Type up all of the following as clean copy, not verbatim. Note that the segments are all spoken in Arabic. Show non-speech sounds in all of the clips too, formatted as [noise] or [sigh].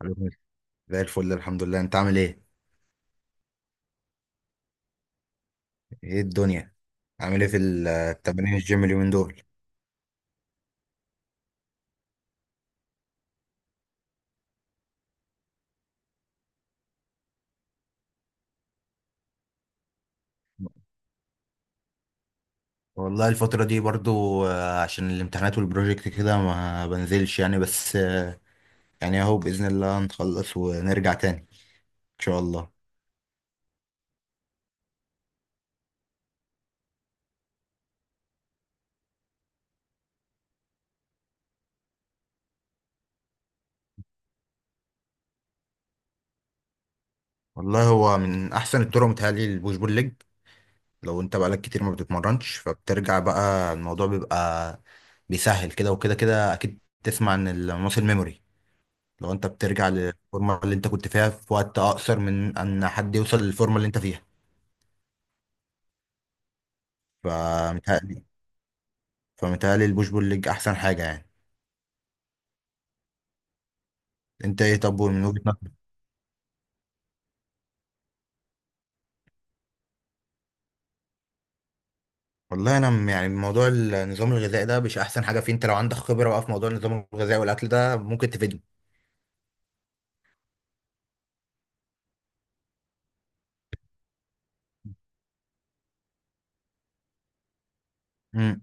حبيبي. زي الفل الحمد لله، انت عامل ايه؟ ايه الدنيا؟ عامل ايه في التمارين الجيم اليومين دول؟ والله الفترة دي برضو عشان الامتحانات والبروجكت كده ما بنزلش يعني. بس يعني اهو بإذن الله نخلص ونرجع تاني ان شاء الله. والله هو من احسن الطرق متهيألي البوش بول ليج. لو انت بقالك كتير ما بتتمرنش فبترجع، بقى الموضوع بيبقى بيسهل كده. وكده كده اكيد تسمع عن الماسل ميموري، لو انت بترجع للفورمه اللي انت كنت فيها في وقت اقصر من ان حد يوصل للفورمه اللي انت فيها. فمتهيألي فمتهيألي البوش بول ليج احسن حاجه يعني. انت ايه طب من وجهه نظرك؟ والله انا يعني موضوع النظام الغذائي ده مش احسن حاجه فيه. انت لو عندك خبره بقى في موضوع النظام الغذائي والاكل ده ممكن تفيدني. امم.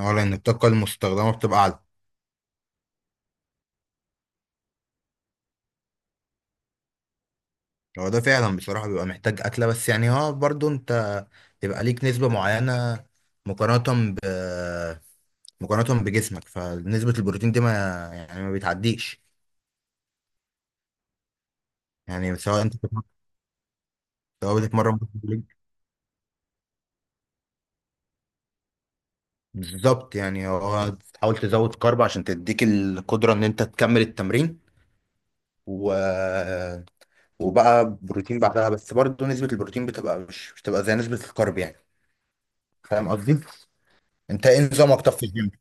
اولا ان الطاقه المستخدمه بتبقى اعلى. هو ده فعلا، بصراحه بيبقى محتاج اكله، بس يعني اه برضو انت يبقى ليك نسبه معينه مقارنه ب مقارنة بجسمك، فنسبة البروتين دي ما يعني ما بتعديش. يعني سواء سواء بتتمرن، بالظبط، يعني هو تحاول تزود كارب عشان تديك القدرة ان انت تكمل التمرين، و... وبقى بروتين بعدها. بس برضه نسبة البروتين بتبقى مش بتبقى زي نسبة الكارب يعني. فاهم قصدي؟ انت ايه نظامك طب في الجيم؟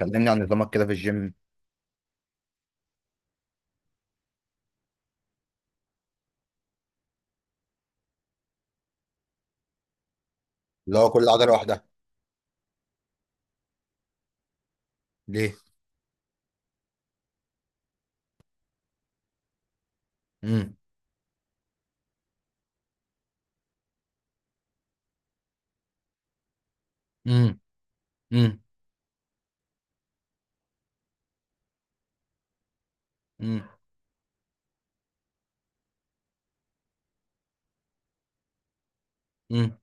كلمني عن نظامك كده في الجيم. اللي هو كل عضلة لوحدها. ليه؟ امم. امم. امم. امم.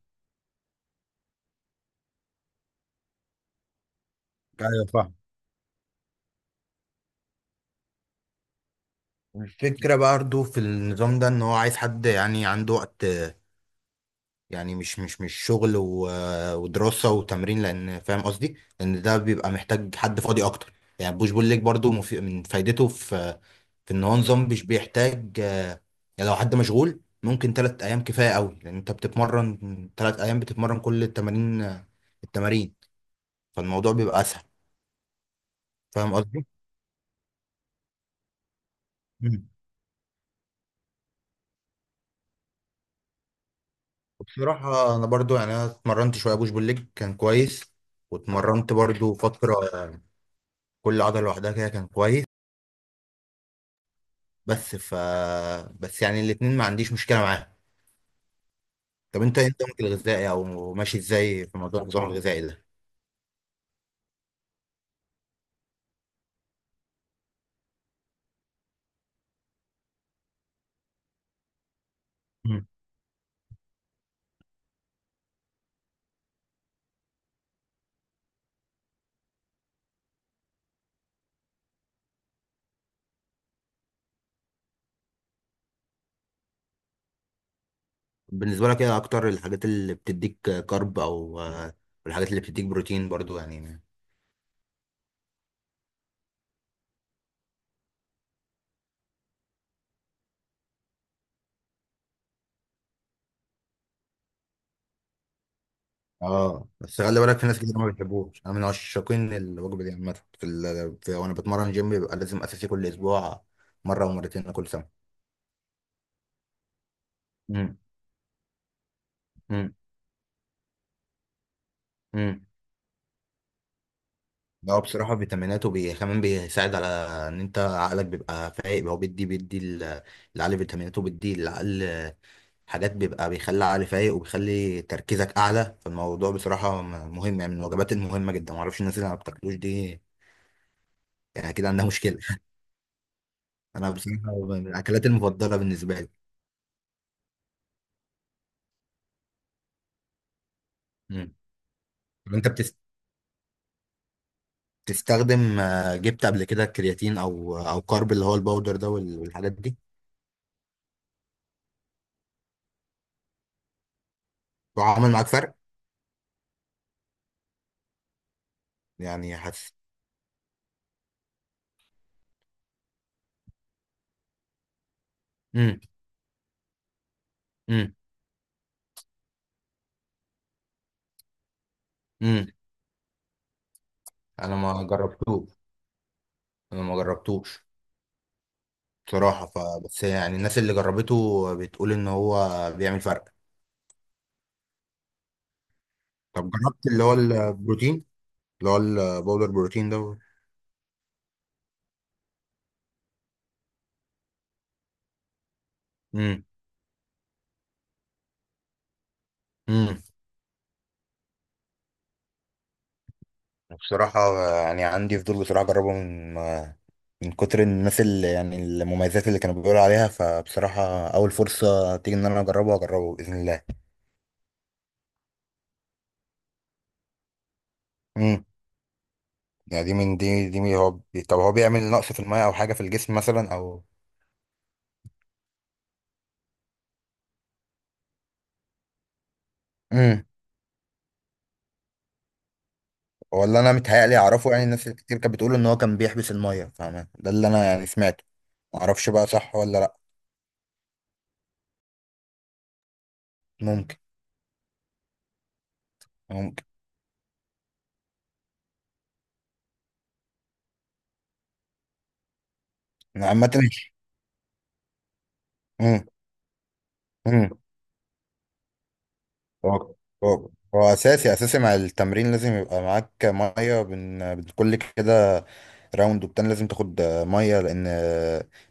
ايوه فاهم. الفكرة برضه في النظام ده ان هو عايز حد يعني عنده وقت، يعني مش شغل ودراسة وتمرين، لان فاهم قصدي ان ده بيبقى محتاج حد فاضي اكتر. يعني بوش بول ليج برضه من فايدته في في ان هو نظام مش بيحتاج يعني لو حد مشغول ممكن تلات ايام كفاية قوي، لان انت بتتمرن تلات ايام بتتمرن كل التمارين. التمارين فالموضوع بيبقى اسهل. فاهم قصدي؟ بصراحة أنا برضو، يعني أنا اتمرنت شوية بوش بول ليج كان كويس، واتمرنت برضو فترة كل عضلة لوحدها كده كان كويس. بس ف بس يعني الاتنين ما عنديش مشكلة معاهم. طب أنت إيه نظامك الغذائي أو ماشي إزاي في موضوع النظام الغذائي ده؟ مم. بالنسبة لك إيه أكتر الحاجات اللي بتديك كارب أو الحاجات اللي بتديك بروتين برضو يعني؟ اه بس خلي بالك، في ناس كتير ما بتحبوش. أنا من عشاقين الوجبة دي عامة. في وأنا بتمرن جيم بيبقى لازم أساسي كل أسبوع مرة ومرتين كل سنة. امم. امم. هو بصراحة كمان بيساعد على ان انت عقلك بيبقى فايق. هو بيدي العقل، فيتاميناته بيدي العقل حاجات بيبقى بيخلي العقل فايق وبيخلي تركيزك اعلى. فالموضوع بصراحة مهم يعني، من الوجبات المهمة جدا. معرفش الناس اللي ما بتاكلوش دي، يعني كده عندها مشكلة. [laughs] انا بصراحة من الاكلات المفضلة بالنسبة لي. امم. طب انت بتستخدم جبت قبل كده كرياتين او كارب اللي هو الباودر ده والحاجات دي؟ وعمل معاك فرق؟ يعني حاسس؟ امم. امم. انا ما جربتوش. انا ما جربتوش بصراحه. فبس يعني الناس اللي جربته بتقول ان هو بيعمل فرق. طب جربت اللي هو البروتين، اللي هو الباودر بروتين ده؟ امم. امم. بصراحه يعني عندي فضول بصراحه اجربه، من من كتر الناس اللي يعني المميزات اللي كانوا بيقولوا عليها. فبصراحه اول فرصه تيجي ان انا اجربه اجربه باذن الله. امم. يعني دي من دي دي من هو طب هو بيعمل نقص في الميه او حاجه في الجسم مثلا او؟ مم. هو اللي انا متهيألي اعرفه، يعني الناس كتير كانت بتقول ان هو كان بيحبس الميه. فاهم ده اللي انا يعني سمعته. ما اعرفش بقى صح ولا لا. ممكن. ممكن. أنا عامه ماشي. امم. امم. هو هو اساسي، اساسي مع التمرين لازم يبقى معاك ميه بين بين كل كده راوند وبتاع، لازم تاخد ميه لان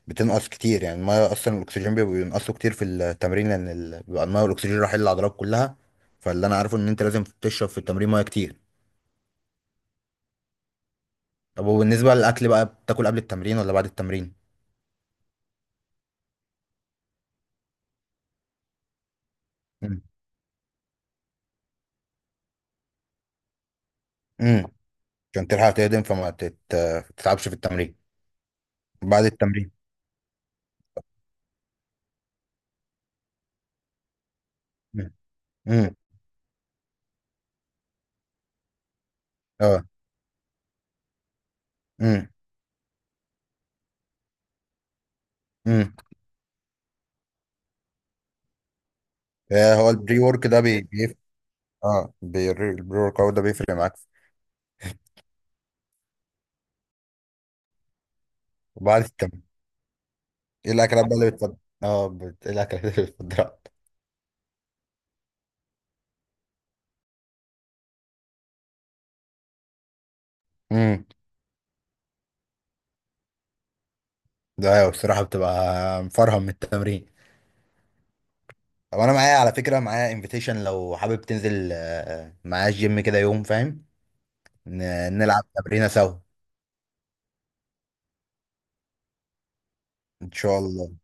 بتنقص كتير يعني الميه. اصلا الاكسجين بيبقى بينقصه كتير في التمرين لان بيبقى الميه والاكسجين رايحين للعضلات كلها. فاللي انا عارفه ان انت لازم تشرب في التمرين ميه كتير. طب وبالنسبة للأكل بقى، بتاكل قبل التمرين ولا بعد التمرين؟ مم. مم. عشان تلحق تهضم فما تتعبش في التمرين. بعد التمرين. مم. مم. اه. مم. مم. آه، هو البري ورك ده اه البري ورك اوت ده بيفرق معاك؟ وبعد التمرين ايه الأكلات بقى اللي بتفضل؟ اه ايه الأكلات اللي بتفضلها؟ مم. ده أيوة بصراحة بتبقى مفرهم من التمرين. طب أنا معايا، على فكرة، معايا انفيتيشن لو حابب تنزل معايا الجيم كده يوم، فاهم؟ ن... نلعب تمرينة سوا. ان شاء الله.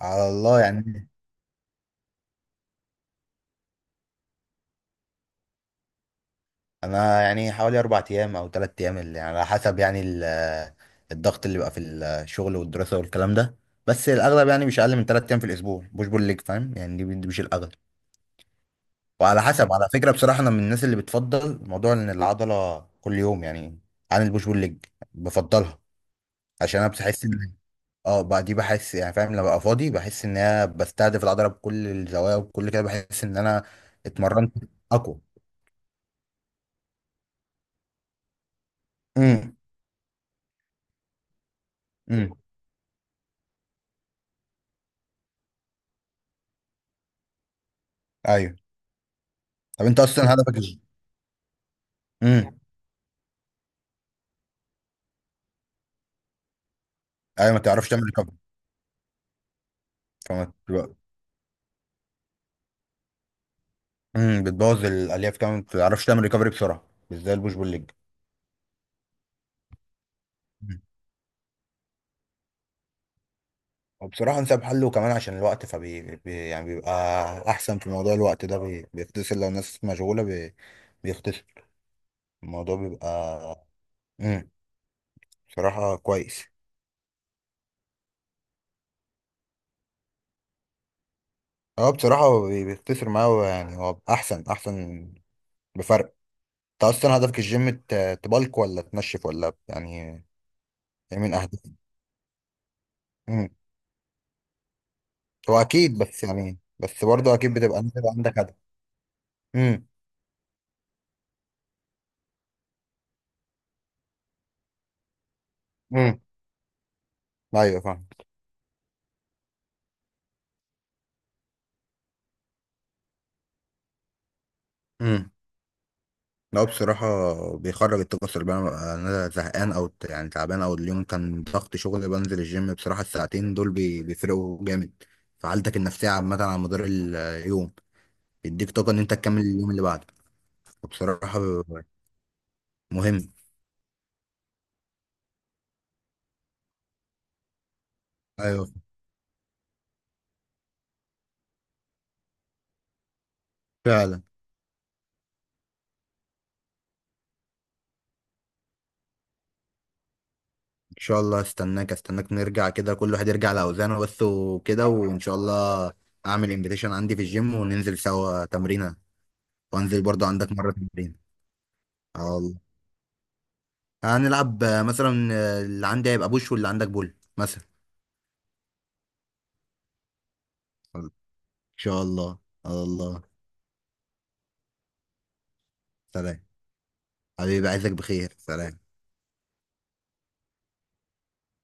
على الله يعني. انا يعني حوالي اربع ايام او ثلاث ايام، اللي يعني على حسب يعني الضغط اللي بقى في الشغل والدراسه والكلام ده. بس الاغلب يعني مش اقل من ثلاث ايام في الاسبوع. مش بقول لك فاهم يعني دي مش الاغلب. وعلى حسب، على فكره بصراحه انا من الناس اللي بتفضل موضوع ان العضله كل يوم يعني، عن البوش بول ليج بفضلها. عشان انا بحس ان اه بقى دي بحس يعني فاهم، لما ببقى فاضي بحس ان انا بستهدف العضله بكل الزوايا وبكل كده، بحس ان انا اتمرنت اقوى. امم. ايوه. طب انت اصلا هدفك إيه؟ امم. ايوه، ما تعرفش تعمل ريكفري. فما بتبقى- امم، بتبوظ الالياف كمان، ما تعرفش تعمل ريكفري بسرعه مش زي البوش بول ليج. مم. وبصراحه انسب حل، وكمان عشان الوقت، فبي بي يعني بيبقى احسن في موضوع الوقت ده. بيختصر لو الناس مشغوله. بيختصر الموضوع بيبقى. امم. بصراحه كويس. اه بصراحه هو بيختصر معاه، هو يعني هو احسن بفرق. انت اصلا هدفك الجيم تبلك ولا تنشف ولا يعني ايه من اهدافك؟ هو اكيد، بس يعني بس برضه اكيد بتبقى انت بقى عندك هدف. امم. امم. ايوه فاهم. امم. لا بصراحة بيخرج الطاقة السلبية، أنا أنا زهقان أو يعني تعبان أو اليوم كان ضغط شغل، بنزل الجيم بصراحة الساعتين دول بيفرقوا جامد في حالتك النفسية عامة على مدار اليوم. بيديك طاقة إن أنت تكمل اليوم اللي بعده بصراحة. مهم. أيوه. فعلا. ان شاء الله، استناك استناك نرجع كده كل واحد يرجع لاوزانه بس وكده وان شاء الله. اعمل انفيتيشن عندي في الجيم وننزل سوا تمرينه، وانزل برضو عندك مره تمرين. اه والله. هنلعب مثلا اللي عندي هيبقى بوش واللي عندك بول مثلا. ان شاء الله. الله. سلام. حبيبي عايزك بخير. سلام.